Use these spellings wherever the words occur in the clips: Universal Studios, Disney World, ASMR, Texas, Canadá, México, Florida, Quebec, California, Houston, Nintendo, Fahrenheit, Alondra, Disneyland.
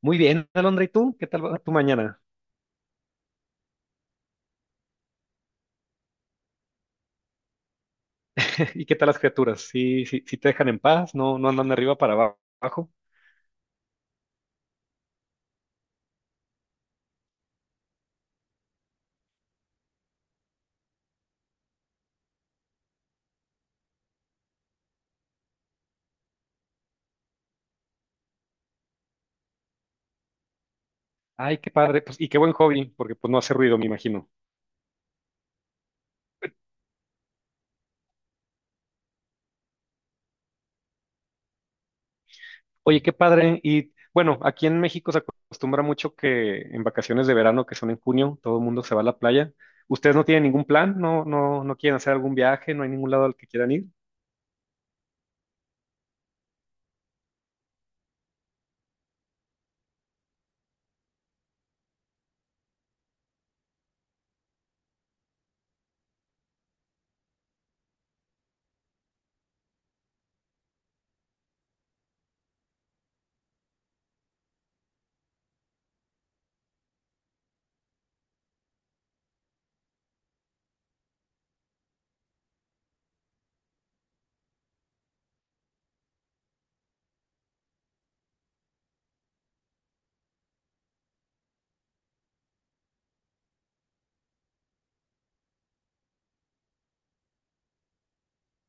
Muy bien, Alondra, ¿y tú? ¿Qué tal va tu mañana? ¿Y qué tal las criaturas? ¿Sí, te dejan en paz? ¿No, andan de arriba para abajo? Ay, qué padre, pues, y qué buen hobby, porque pues no hace ruido, me imagino. Oye, qué padre, y bueno, aquí en México se acostumbra mucho que en vacaciones de verano, que son en junio, todo el mundo se va a la playa. ¿Ustedes no tienen ningún plan? ¿No, quieren hacer algún viaje? ¿No hay ningún lado al que quieran ir?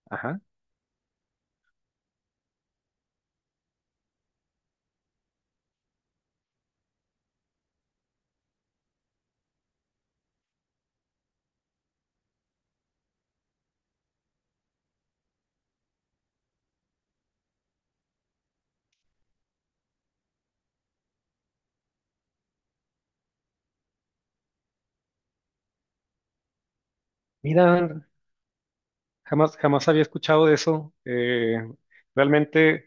Ajá. Mira, jamás, jamás había escuchado de eso. Realmente.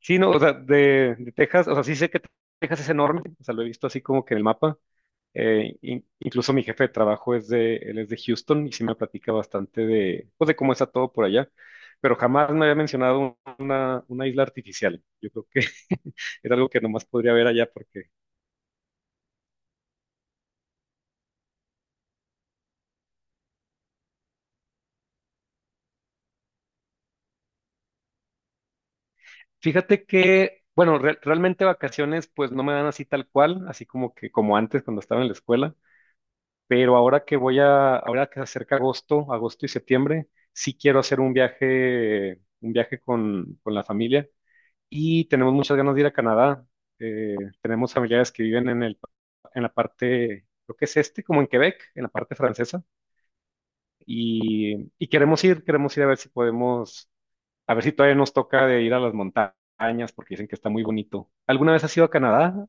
Sí, no, o sea, de Texas, o sea, sí sé que Texas es enorme, o sea, lo he visto así como que en el mapa. Incluso mi jefe de trabajo él es de Houston y sí me platica bastante de, pues, de cómo está todo por allá, pero jamás me había mencionado una isla artificial. Yo creo que era algo que nomás podría ver allá porque fíjate que, bueno, realmente vacaciones pues no me dan así tal cual, así como que como antes cuando estaba en la escuela. Pero ahora que ahora que se acerca agosto, agosto y septiembre, sí quiero hacer un viaje con la familia y tenemos muchas ganas de ir a Canadá. Eh, tenemos familiares que viven en en la parte, creo que es este, como en Quebec, en la parte francesa, y queremos ir a ver si podemos, a ver si todavía nos toca de ir a las montañas porque dicen que está muy bonito. ¿Alguna vez has ido a Canadá?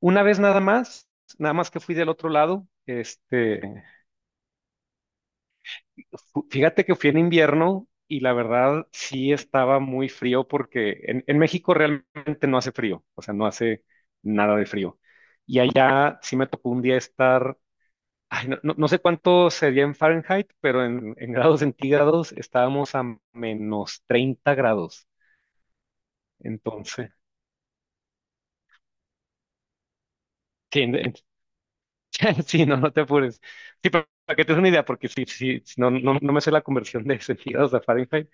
Una vez nada más, nada más que fui del otro lado, este. Fíjate que fui en invierno y la verdad sí estaba muy frío porque en México realmente no hace frío, o sea, no hace nada de frío. Y allá sí me tocó un día estar, ay, no sé cuánto sería en Fahrenheit, pero en grados centígrados estábamos a -30 grados. Entonces, sí, sí, no te apures. Sí, pero para que te des una idea, porque no me sé la conversión de centígrados a Fahrenheit.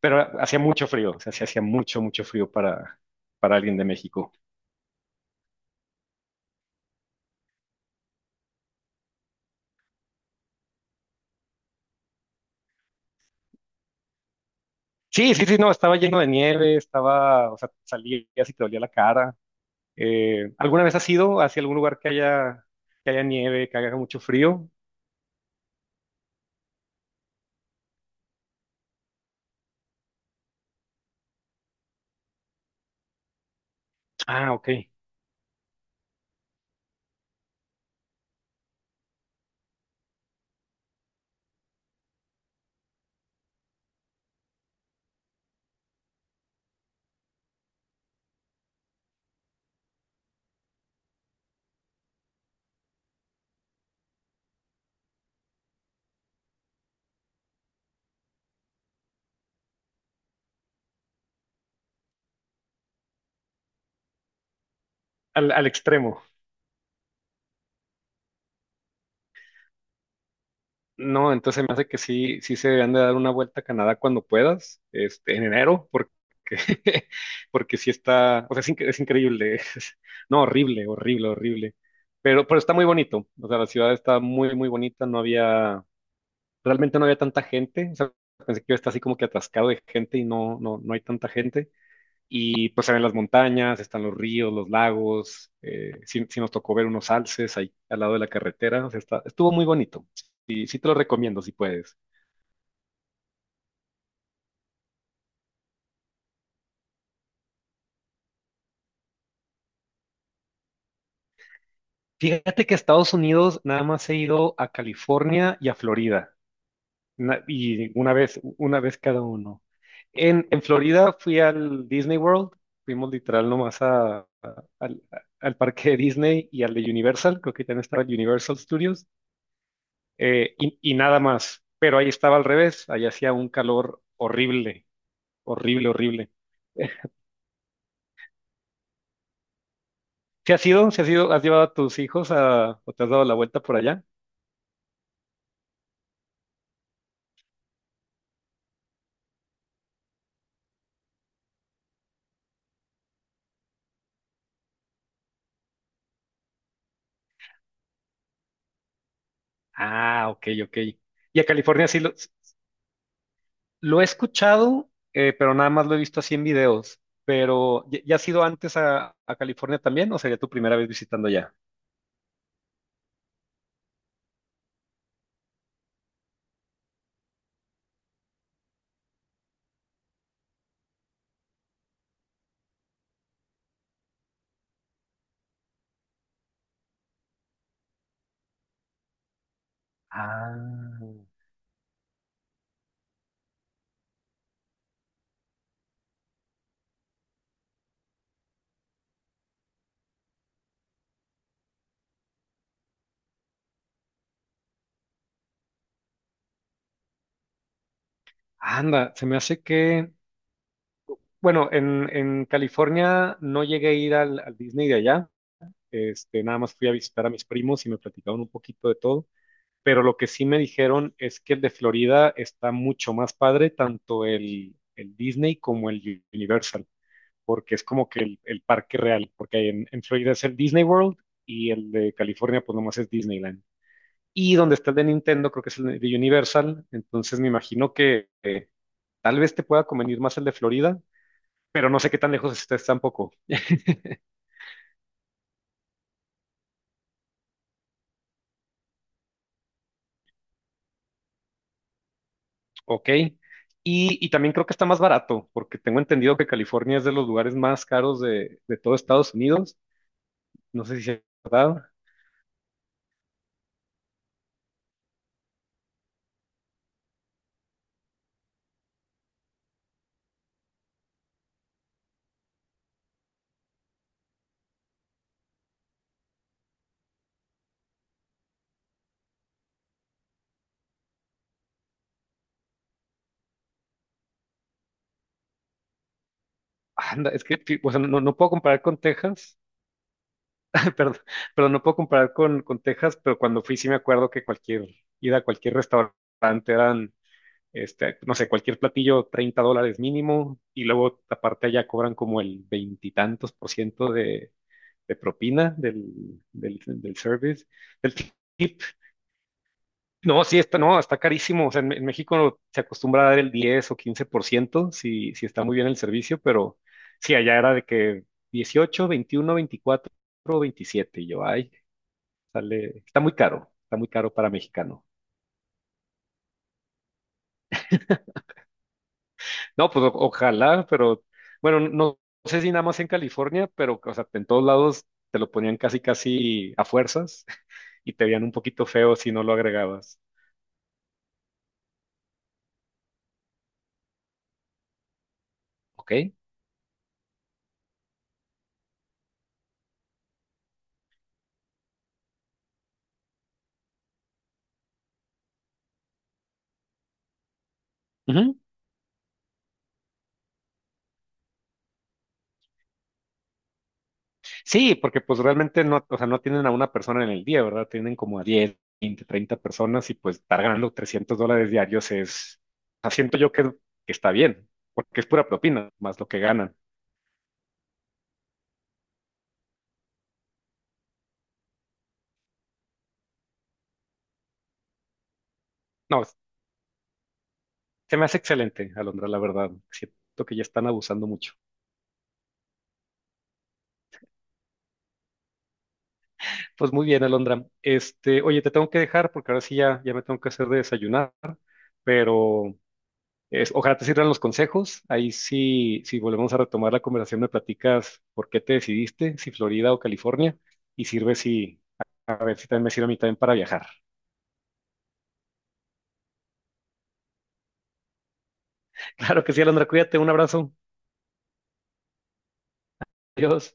Pero hacía mucho frío, o sea, sí hacía mucho, mucho frío para alguien de México. Sí, sí, sí, no, estaba lleno de nieve, estaba, o sea, salías y te dolía la cara. ¿Alguna vez has ido hacia algún lugar que haya nieve, que haga mucho frío? Ah, ok, al, al extremo. No, entonces me hace que sí, sí se deberían de dar una vuelta a Canadá cuando puedas, este, en enero, porque porque sí está, o sea, es, es increíble, no, horrible, horrible, horrible, pero está muy bonito, o sea, la ciudad está muy, muy bonita, no había, realmente no había tanta gente, o sea, pensé que iba a estar así como que atascado de gente y no, no, hay tanta gente, y pues se ven las montañas, están los ríos, los lagos. Sí, sí nos tocó ver unos alces ahí al lado de la carretera. O sea, estuvo muy bonito. Sí, sí te lo recomiendo si puedes. Fíjate que a Estados Unidos nada más he ido a California y a Florida. Y una vez cada uno. En Florida fui al Disney World. Fuimos literal nomás al parque de Disney y al de Universal. Creo que también estaba el Universal Studios. Y nada más. Pero ahí estaba al revés, ahí hacía un calor horrible, horrible, horrible. ¿Se has ido? ¿Se has ido? ¿Has llevado a tus hijos a, o te has dado la vuelta por allá? Ah, ok, ok. Y a California sí lo he escuchado, pero nada más lo he visto así en videos. Pero, ya has ido antes a California también o sería tu primera vez visitando ya? Ah, anda, se me hace que, bueno, en California no llegué a ir al Disney de allá. Este, nada más fui a visitar a mis primos y me platicaron un poquito de todo. Pero lo que sí me dijeron es que el de Florida está mucho más padre, tanto el Disney como el Universal, porque es como que el parque real, porque en Florida es el Disney World y el de California pues nomás es Disneyland. Y donde está el de Nintendo creo que es el de Universal, entonces me imagino que tal vez te pueda convenir más el de Florida, pero no sé qué tan lejos estés tampoco. Ok. Y también creo que está más barato, porque tengo entendido que California es de los lugares más caros de todo Estados Unidos. No sé si es verdad. Anda, es que, o sea, no puedo comparar con Texas, perdón, pero no puedo comparar con Texas, pero cuando fui sí me acuerdo que cualquier ida a cualquier restaurante eran, este, no sé, cualquier platillo $30 mínimo, y luego aparte allá cobran como el veintitantos por ciento de propina del service, del tip. No, sí, está, no, está carísimo. O sea, en México se acostumbra a dar el 10 o 15% si, si está muy bien el servicio, pero sí, allá era de que 18, 21, 24, 27. Y yo, ay, sale, está muy caro para mexicano. No, pues ojalá, pero bueno, no, sé si nada más en California, pero o sea, en todos lados te lo ponían casi, casi a fuerzas y te veían un poquito feo si no lo agregabas. ¿Ok? Sí, porque pues realmente no, o sea, no tienen a una persona en el día, ¿verdad? Tienen como a 10, 20, 30 personas y pues estar ganando $300 diarios es, o sea, siento yo que está bien, porque es pura propina, más lo que ganan. No, es- Se me hace excelente, Alondra, la verdad. Siento que ya están abusando mucho. Pues muy bien, Alondra. Este, oye, te tengo que dejar porque ahora sí ya me tengo que hacer de desayunar, pero ojalá te sirvan los consejos. Ahí sí, si volvemos a retomar la conversación, me platicas por qué te decidiste, si Florida o California, y sirve si, a ver si también me sirve a mí también para viajar. Claro que sí, Alondra, cuídate, un abrazo. Adiós.